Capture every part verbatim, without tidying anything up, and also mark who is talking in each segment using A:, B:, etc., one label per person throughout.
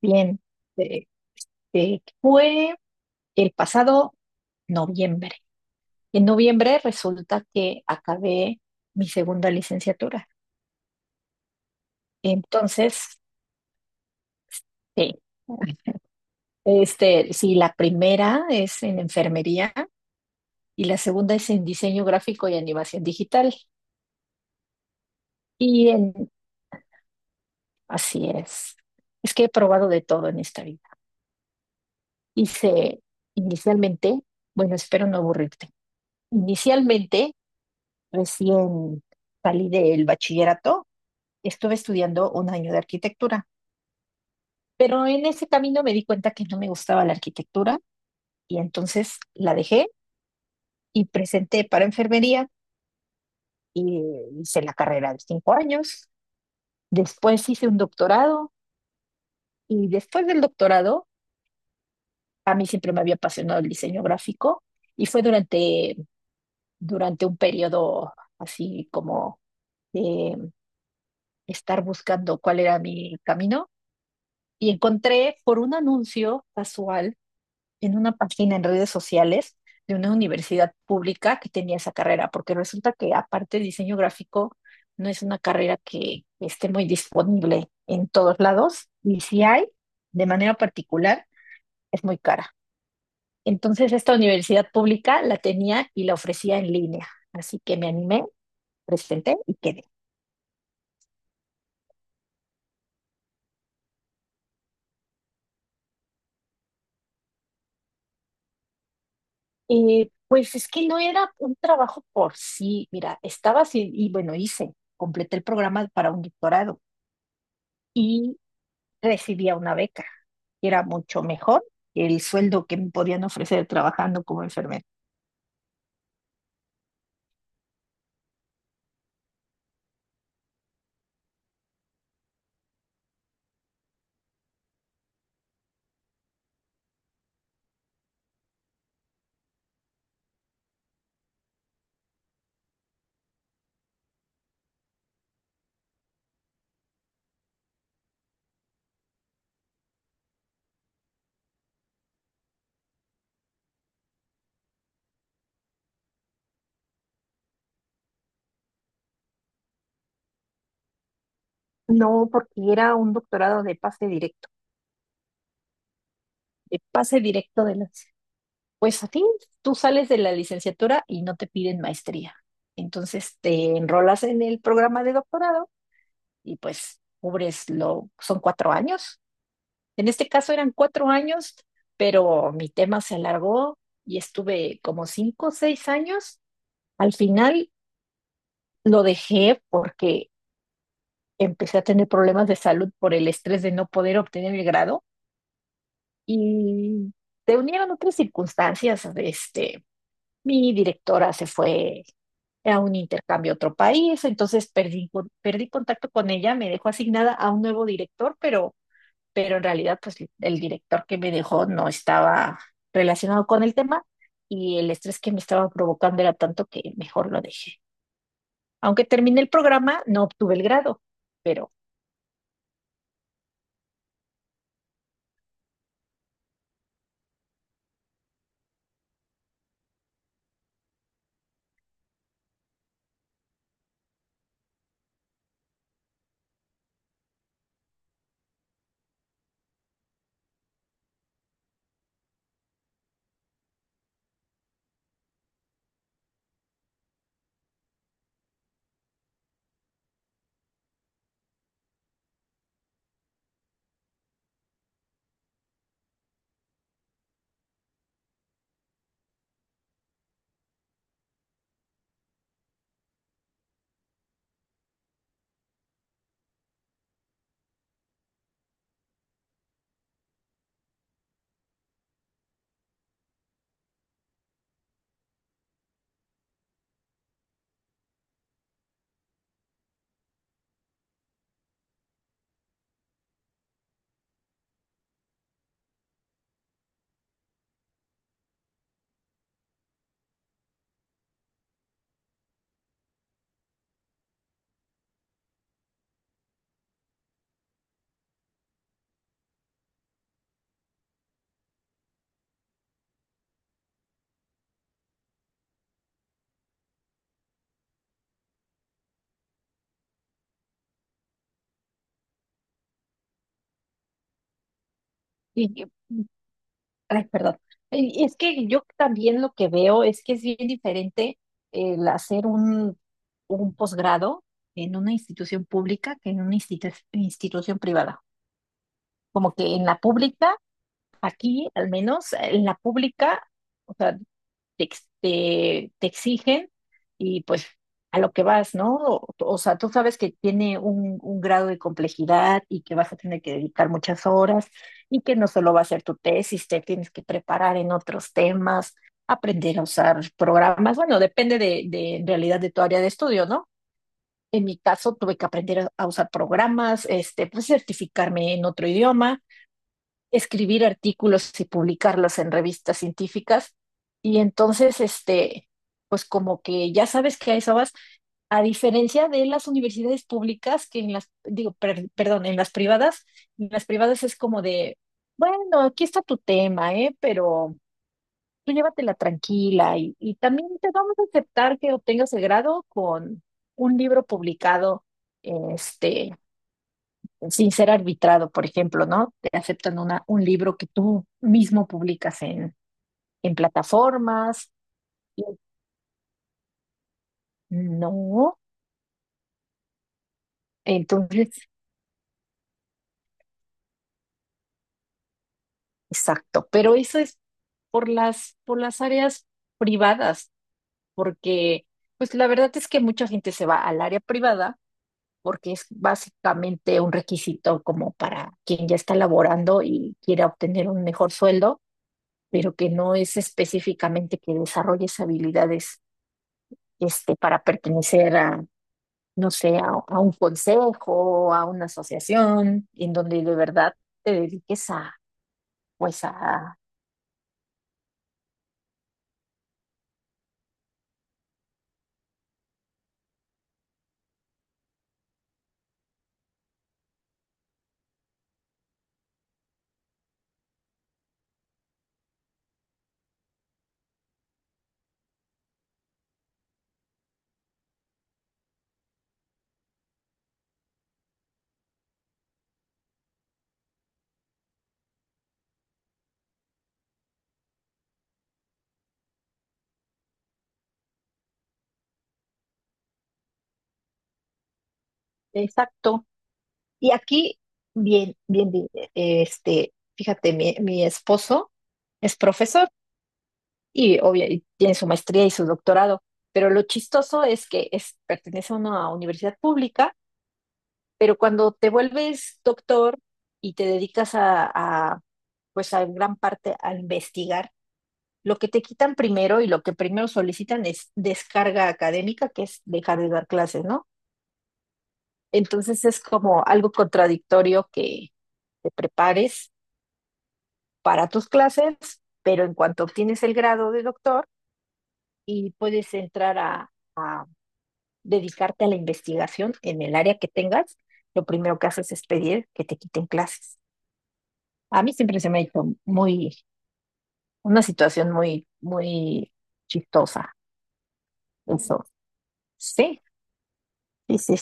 A: Bien, eh, eh, fue el pasado noviembre. En noviembre resulta que acabé mi segunda licenciatura. Entonces, sí, este, sí, la primera es en enfermería y la segunda es en diseño gráfico y animación digital. Y en, Así es. Es que he probado de todo en esta vida. Hice inicialmente, bueno, espero no aburrirte. Inicialmente Recién salí del bachillerato, estuve estudiando un año de arquitectura, pero en ese camino me di cuenta que no me gustaba la arquitectura y entonces la dejé y presenté para enfermería y hice la carrera de cinco años. Después hice un doctorado y después del doctorado a mí siempre me había apasionado el diseño gráfico y fue durante, durante un periodo así como de estar buscando cuál era mi camino y encontré por un anuncio casual en una página en redes sociales de una universidad pública que tenía esa carrera, porque resulta que aparte de diseño gráfico no es una carrera que esté muy disponible en todos lados y si hay, de manera particular, es muy cara. Entonces esta universidad pública la tenía y la ofrecía en línea, así que me animé, presenté y quedé. Eh, pues es que no era un trabajo por sí, mira, estaba así y bueno, hice, completé el programa para un doctorado y recibía una beca, que era mucho mejor que el sueldo que me podían ofrecer trabajando como enfermera. No, porque era un doctorado de pase directo, de pase directo de las... Pues a ti, tú sales de la licenciatura y no te piden maestría. Entonces te enrolas en el programa de doctorado y pues cubres lo, son cuatro años. En este caso eran cuatro años, pero mi tema se alargó y estuve como cinco o seis años. Al final lo dejé porque empecé a tener problemas de salud por el estrés de no poder obtener el grado y se unieron otras circunstancias. Este, mi directora se fue a un intercambio a otro país, entonces perdí, con- perdí contacto con ella, me dejó asignada a un nuevo director, pero pero en realidad pues el director que me dejó no estaba relacionado con el tema y el estrés que me estaba provocando era tanto que mejor lo dejé. Aunque terminé el programa, no obtuve el grado, pero... y- y- Ay, perdón. Y es que yo también lo que veo es que es bien diferente el hacer un, un posgrado en una institución pública que en una institu- institución privada. Como que en la pública, aquí al menos, en la pública... O sea, te, ex- te, te exigen y pues a lo que vas, ¿no? O, o sea, tú sabes que tiene un, un grado de complejidad y que vas a tener que dedicar muchas horas y que no solo va a ser tu tesis, te tienes que preparar en otros temas, aprender a usar programas. Bueno, depende de, de en realidad de tu área de estudio, ¿no? En mi caso, tuve que aprender a a usar programas, este, pues certificarme en otro idioma, escribir artículos y publicarlos en revistas científicas. Y entonces, este, pues como que ya sabes que a eso vas, a diferencia de las universidades públicas, que en las, digo, per- perdón, en las privadas, en las privadas es como de, bueno, aquí está tu tema, ¿eh? Pero tú llévatela tranquila y, y también te vamos a aceptar que obtengas el grado con un libro publicado, este sin ser arbitrado, por ejemplo, ¿no? Te aceptan una, un libro que tú mismo publicas en, en plataformas. y No, entonces, exacto. Pero eso es por las, por las áreas privadas, porque pues la verdad es que mucha gente se va al área privada porque es básicamente un requisito como para quien ya está laborando y quiera obtener un mejor sueldo, pero que no es específicamente que desarrolles habilidades, este, para pertenecer a, no sé, a, a un consejo, a una asociación, en donde de verdad te dediques a, pues a... Exacto. Y aquí, bien, bien, bien, eh, este, fíjate, mi, mi esposo es profesor y obviamente tiene su maestría y su doctorado, pero lo chistoso es que es, pertenece a una universidad pública, pero cuando te vuelves doctor y te dedicas a, a, pues a gran parte a investigar. Lo que te quitan primero y lo que primero solicitan es descarga académica, que es dejar de dar clases, ¿no? Entonces es como algo contradictorio que te prepares para tus clases, pero en cuanto obtienes el grado de doctor y puedes entrar a, a dedicarte a la investigación en el área que tengas, lo primero que haces es pedir que te quiten clases. A mí siempre se me ha hecho muy, una situación muy, muy chistosa, eso. Sí, sí, sí,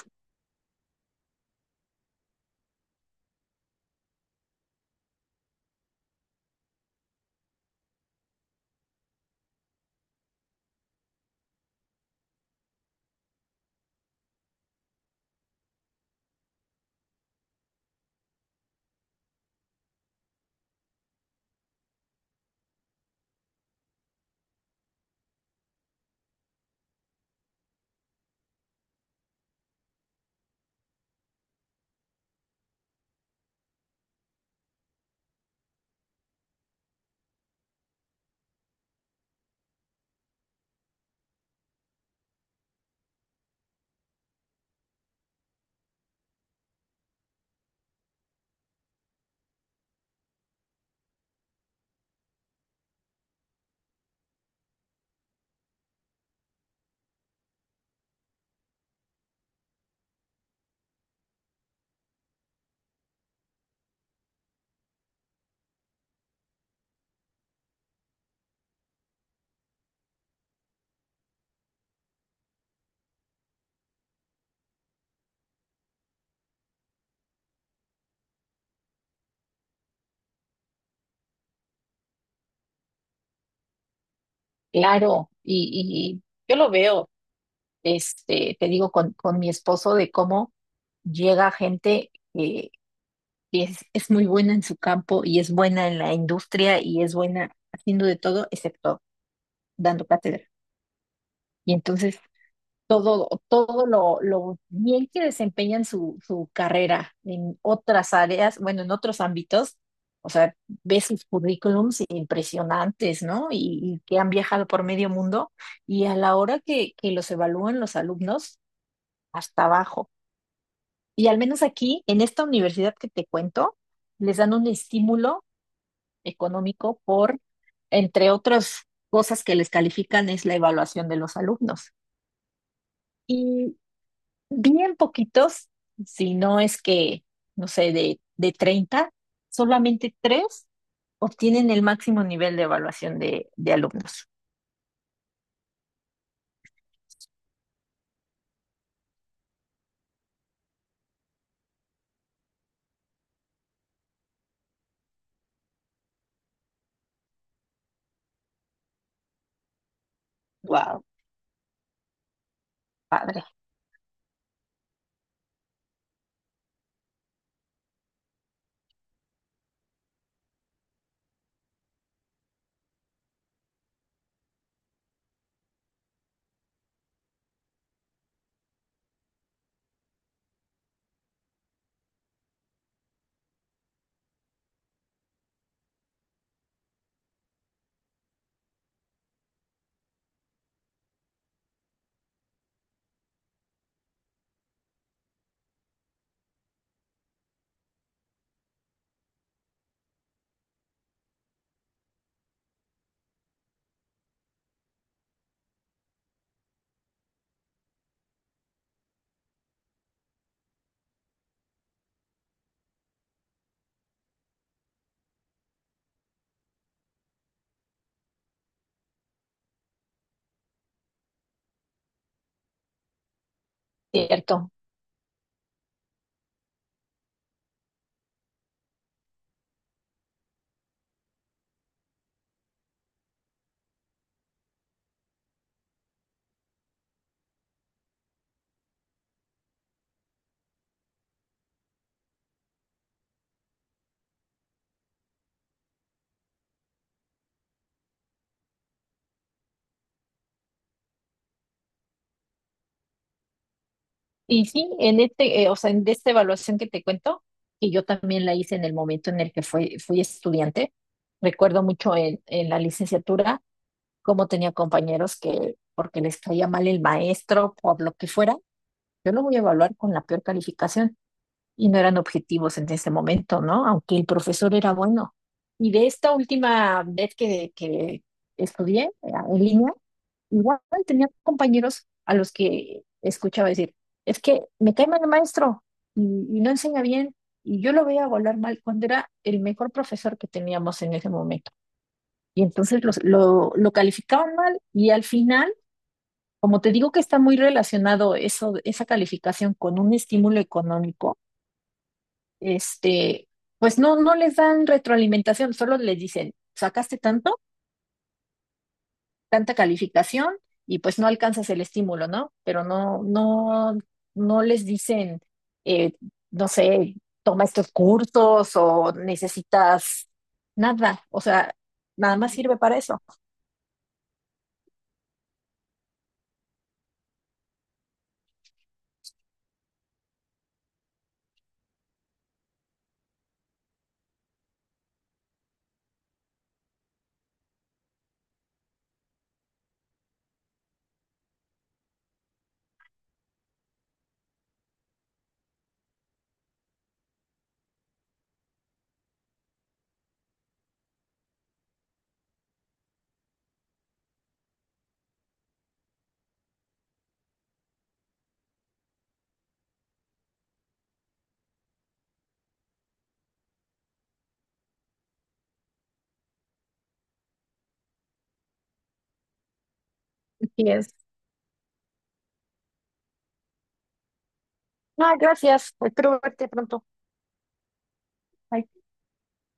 A: claro, y, y yo lo veo, este, te digo, con, con mi esposo de cómo llega gente que, que es, es muy buena en su campo y es buena en la industria y es buena haciendo de todo excepto dando cátedra. Y entonces todo, todo lo, lo bien que desempeñan su, su carrera en otras áreas, bueno, en otros ámbitos. O sea, ves sus currículums impresionantes, ¿no? Y, y que han viajado por medio mundo y a la hora que, que los evalúan los alumnos, hasta abajo. Y al menos aquí, en esta universidad que te cuento, les dan un estímulo económico por, entre otras cosas que les califican, es la evaluación de los alumnos. Bien poquitos, si no es que, no sé, de, de treinta solamente tres obtienen el máximo nivel de evaluación de, de alumnos. Wow. Padre, cierto. Y sí, en este, eh, o sea, en de esta evaluación que te cuento, que yo también la hice en el momento en el que fui, fui estudiante, recuerdo mucho en, en la licenciatura cómo tenía compañeros que, porque les caía mal el maestro, por lo que fuera, yo lo voy a evaluar con la peor calificación. Y no eran objetivos en ese momento, ¿no? Aunque el profesor era bueno. Y de esta última vez que, que estudié, eh, en línea, igual tenía compañeros a los que escuchaba decir, es que me cae mal el maestro y, y no enseña bien y yo lo veía volar mal cuando era el mejor profesor que teníamos en ese momento. Y entonces los, lo, lo calificaban mal y al final, como te digo que está muy relacionado eso, esa calificación con un estímulo económico, este, pues no, no les dan retroalimentación, solo les dicen, sacaste tanto, tanta calificación y pues no alcanzas el estímulo, ¿no? Pero no, no, no les dicen, eh, no sé, toma estos cursos o necesitas nada, o sea, nada más sirve para eso. Y es, ah, gracias, espero verte pronto. Bye.